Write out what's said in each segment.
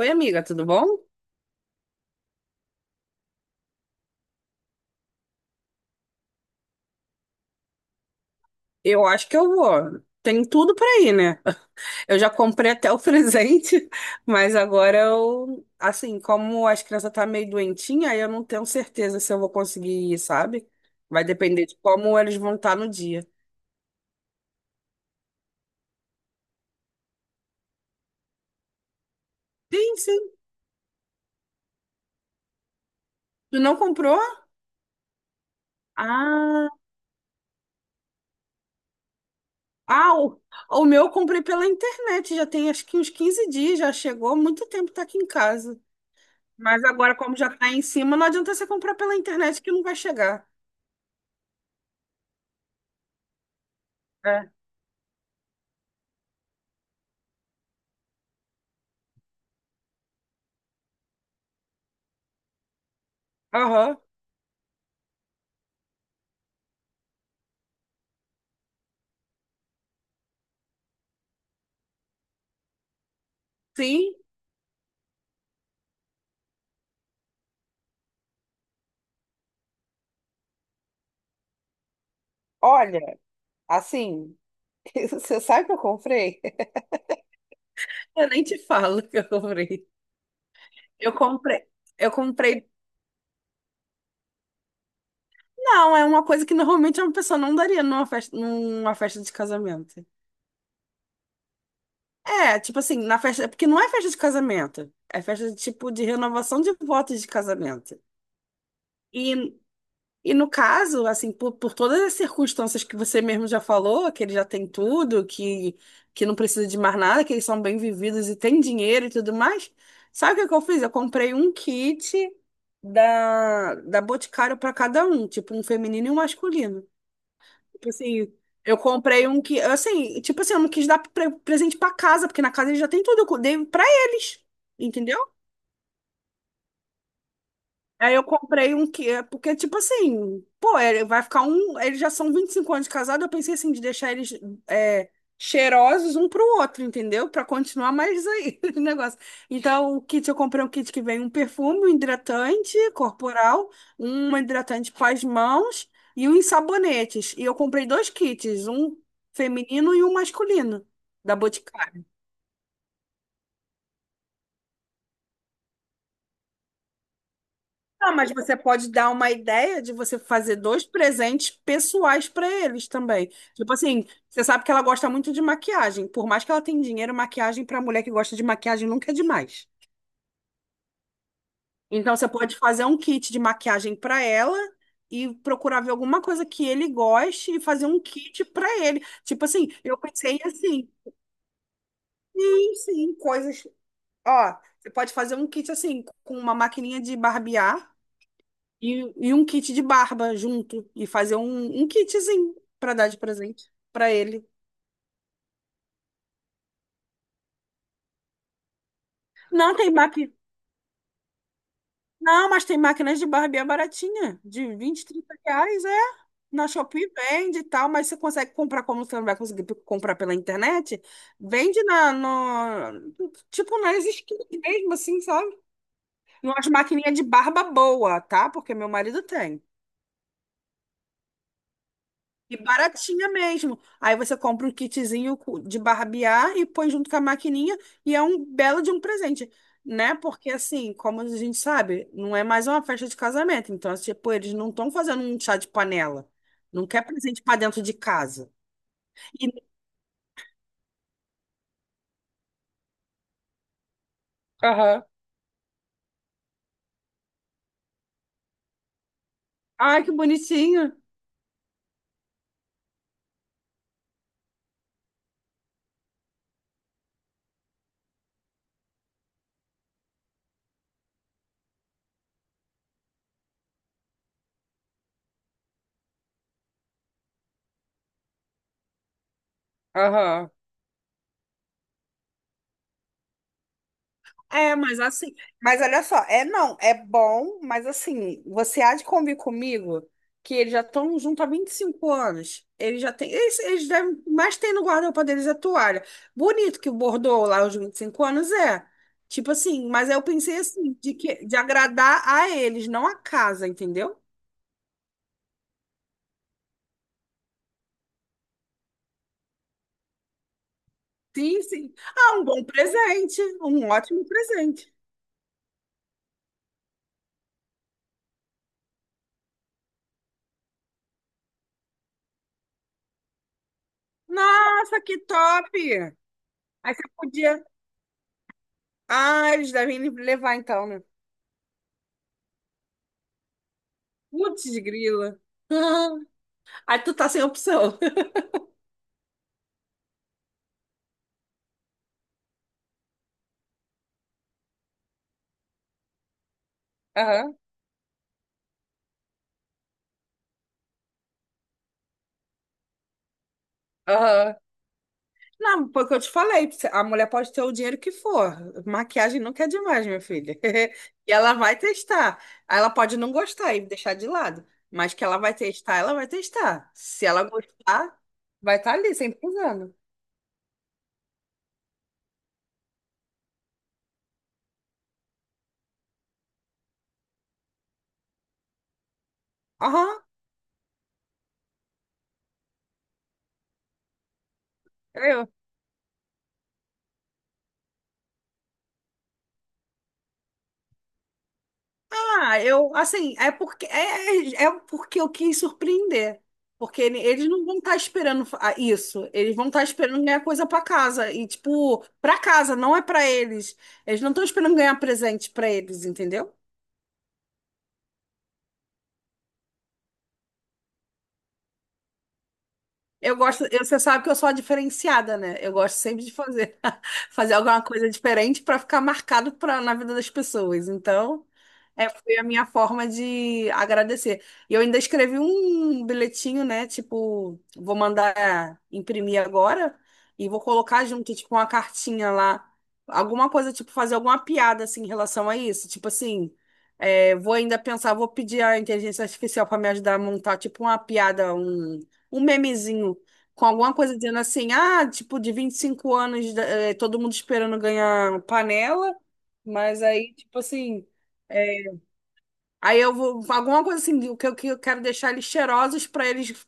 Oi, amiga, tudo bom? Eu acho que eu vou. Tem tudo pra ir, né? Eu já comprei até o presente, mas agora eu, assim, como as crianças tá meio doentinha, aí eu não tenho certeza se eu vou conseguir ir, sabe? Vai depender de como eles vão estar no dia. Sim, sim. Tu não comprou? Ah, ah, o meu eu comprei pela internet, já tem acho que uns 15 dias, já chegou, há muito tempo tá aqui em casa. Mas agora, como já tá em cima, não adianta você comprar pela internet que não vai chegar. É. Aham. Sim. Olha, assim, você sabe o que eu comprei? Eu nem te falo o que eu comprei. Eu comprei. Eu comprei. Não, é uma coisa que normalmente uma pessoa não daria numa festa de casamento. É, tipo assim, na festa. É porque não é festa de casamento. É festa de tipo de renovação de votos de casamento. E E no caso, assim, por todas as circunstâncias que você mesmo já falou, que ele já tem tudo, que não precisa de mais nada, que eles são bem vividos e têm dinheiro e tudo mais, sabe o que que eu fiz? Eu comprei um kit da Boticário para cada um, tipo um feminino e um masculino. Tipo assim, eu comprei um que, assim, tipo assim, eu não quis dar presente para casa, porque na casa eles já têm tudo, eu dei para eles, entendeu? Aí eu comprei um que, é, porque, tipo assim, pô, ele vai ficar um. Eles já são 25 anos de casado, eu pensei assim, de deixar eles é, cheirosos um pro outro, entendeu? Pra continuar mais aí o negócio. Então, o kit, eu comprei um kit que vem um perfume, um hidratante corporal, um hidratante para as mãos e uns sabonetes. E eu comprei dois kits, um feminino e um masculino, da Boticário. Ah, mas você pode dar uma ideia de você fazer dois presentes pessoais para eles também. Tipo assim, você sabe que ela gosta muito de maquiagem. Por mais que ela tenha dinheiro, maquiagem para mulher que gosta de maquiagem nunca é demais. Então você pode fazer um kit de maquiagem para ela e procurar ver alguma coisa que ele goste e fazer um kit para ele. Tipo assim, eu pensei assim, sim, sim, coisas. Ó, você pode fazer um kit assim com uma maquininha de barbear E, e um kit de barba junto. E fazer um kitzinho pra dar de presente pra ele. Não, tem máquina. Não, mas tem máquinas de barbear baratinha, de 20, 30 reais, é. Na Shopee vende e tal, mas você consegue comprar como você não vai conseguir comprar pela internet? Vende na, no, tipo nas esquinas mesmo, assim, sabe? Umas maquininhas de barba boa, tá? Porque meu marido tem. E baratinha mesmo. Aí você compra um kitzinho de barbear e põe junto com a maquininha e é um belo de um presente, né? Porque assim, como a gente sabe, não é mais uma festa de casamento. Então, assim, tipo, eles não estão fazendo um chá de panela. Não quer presente para dentro de casa. E... Aham. Ai, que bonitinho. Aham. É, mas assim, mas olha só, é não, é bom, mas assim, você há de convir comigo que eles já estão junto há 25 anos. Eles já têm, eles devem, mais tem no guarda-roupa deles é toalha. Bonito que o bordou lá os 25 anos, é. Tipo assim, mas eu pensei assim, de que de agradar a eles, não a casa, entendeu? Sim, sim. Ah, um bom presente, um ótimo presente. Nossa, que top! Aí você podia. Ah, eles devem levar então, né? Putz, grila. Aí tu tá sem opção. Aham, aham. Não, porque eu te falei, a mulher pode ter o dinheiro que for. Maquiagem nunca é demais, minha filha. E ela vai testar. Ela pode não gostar e deixar de lado. Mas que ela vai testar, ela vai testar. Se ela gostar, vai estar ali, sempre usando. Aham. Ah, eu, assim, é porque é, é é porque eu quis surpreender. Porque eles não vão estar esperando isso. Eles vão estar esperando ganhar coisa para casa. E, tipo, para casa, não é para eles. Eles não estão esperando ganhar presente para eles, entendeu? Eu gosto, você sabe que eu sou a diferenciada, né? Eu gosto sempre de fazer, fazer alguma coisa diferente para ficar marcado na vida das pessoas. Então, foi a minha forma de agradecer. E eu ainda escrevi um bilhetinho, né? Tipo, vou mandar imprimir agora e vou colocar junto, tipo, uma cartinha lá. Alguma coisa, tipo, fazer alguma piada, assim, em relação a isso. Tipo assim, é, vou ainda pensar, vou pedir a inteligência artificial para me ajudar a montar, tipo, uma piada, um memezinho com alguma coisa dizendo assim, ah, tipo, de 25 anos, todo mundo esperando ganhar panela, mas aí, tipo assim, eh, aí eu vou, alguma coisa assim, o que eu quero deixar eles cheirosos para eles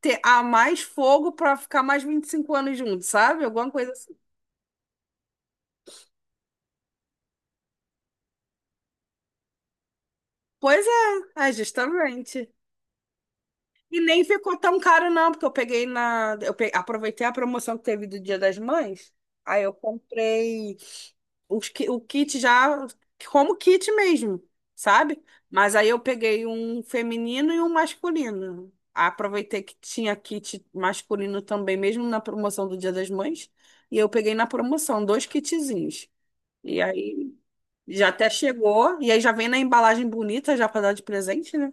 ter a mais fogo para ficar mais 25 anos juntos, sabe? Alguma coisa assim. Pois é, é justamente. E nem ficou tão caro não, porque eu peguei aproveitei a promoção que teve do Dia das Mães. Aí eu comprei o kit já como kit mesmo, sabe? Mas aí eu peguei um feminino e um masculino. Aproveitei que tinha kit masculino também, mesmo na promoção do Dia das Mães, e eu peguei na promoção dois kitzinhos. E aí já até chegou, e aí já vem na embalagem bonita já para dar de presente, né?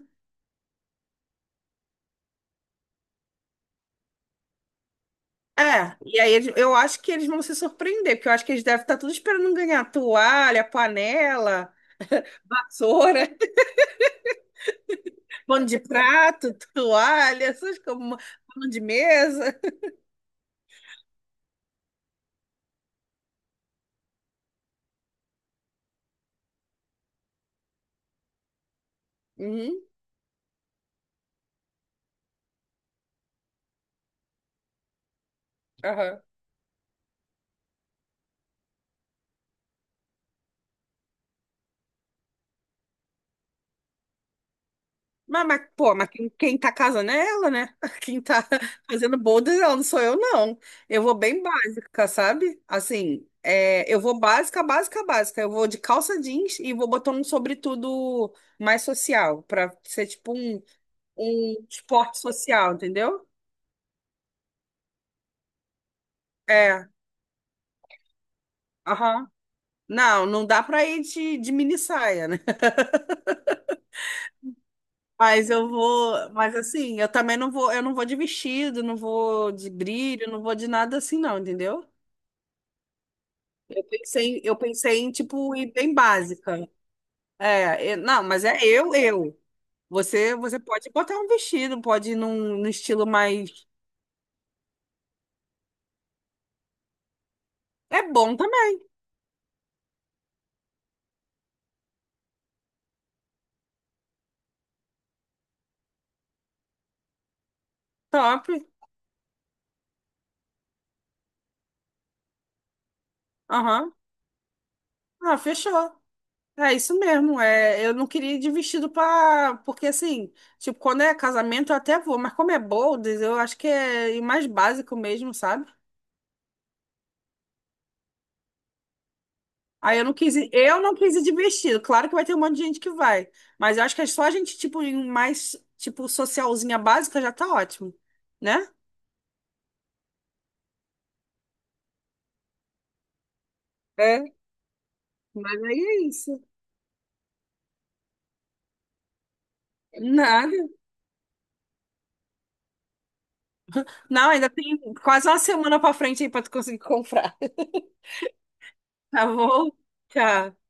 É, e aí eu acho que eles vão se surpreender, porque eu acho que eles devem estar tudo esperando ganhar toalha, panela, vassoura. Pano de prato, toalha, essas como pano de mesa. Uhum, aham. Pô, mas quem tá casando é ela, né? Quem tá fazendo bodas, é ela não sou eu, não. Eu vou bem básica, sabe? Assim, é, eu vou básica, básica, básica. Eu vou de calça jeans e vou botar um sobretudo mais social, pra ser tipo um esporte social, entendeu? É, aham. Não, não dá pra ir de mini saia. Mas eu vou, mas assim, eu também não vou, eu não vou de vestido, não vou de brilho, não vou de nada assim, não, entendeu? Eu pensei em tipo ir bem básica. É, eu- não, mas é eu, eu. Você pode botar um vestido, pode ir num estilo mais. É bom também, top. Aham. Ah, fechou. É isso mesmo. É, eu não queria ir de vestido para, porque assim, tipo, quando é casamento eu até vou, mas como é bold, eu acho que é ir mais básico mesmo, sabe? Aí eu não quis ir, eu não quis ir de vestido. Claro que vai ter um monte de gente que vai, mas eu acho que é só a gente tipo em mais tipo socialzinha básica já tá ótimo, né? É. Mas aí é isso. Nada. Não, ainda tem quase uma semana pra frente aí pra tu conseguir comprar. Tá bom? Tchau.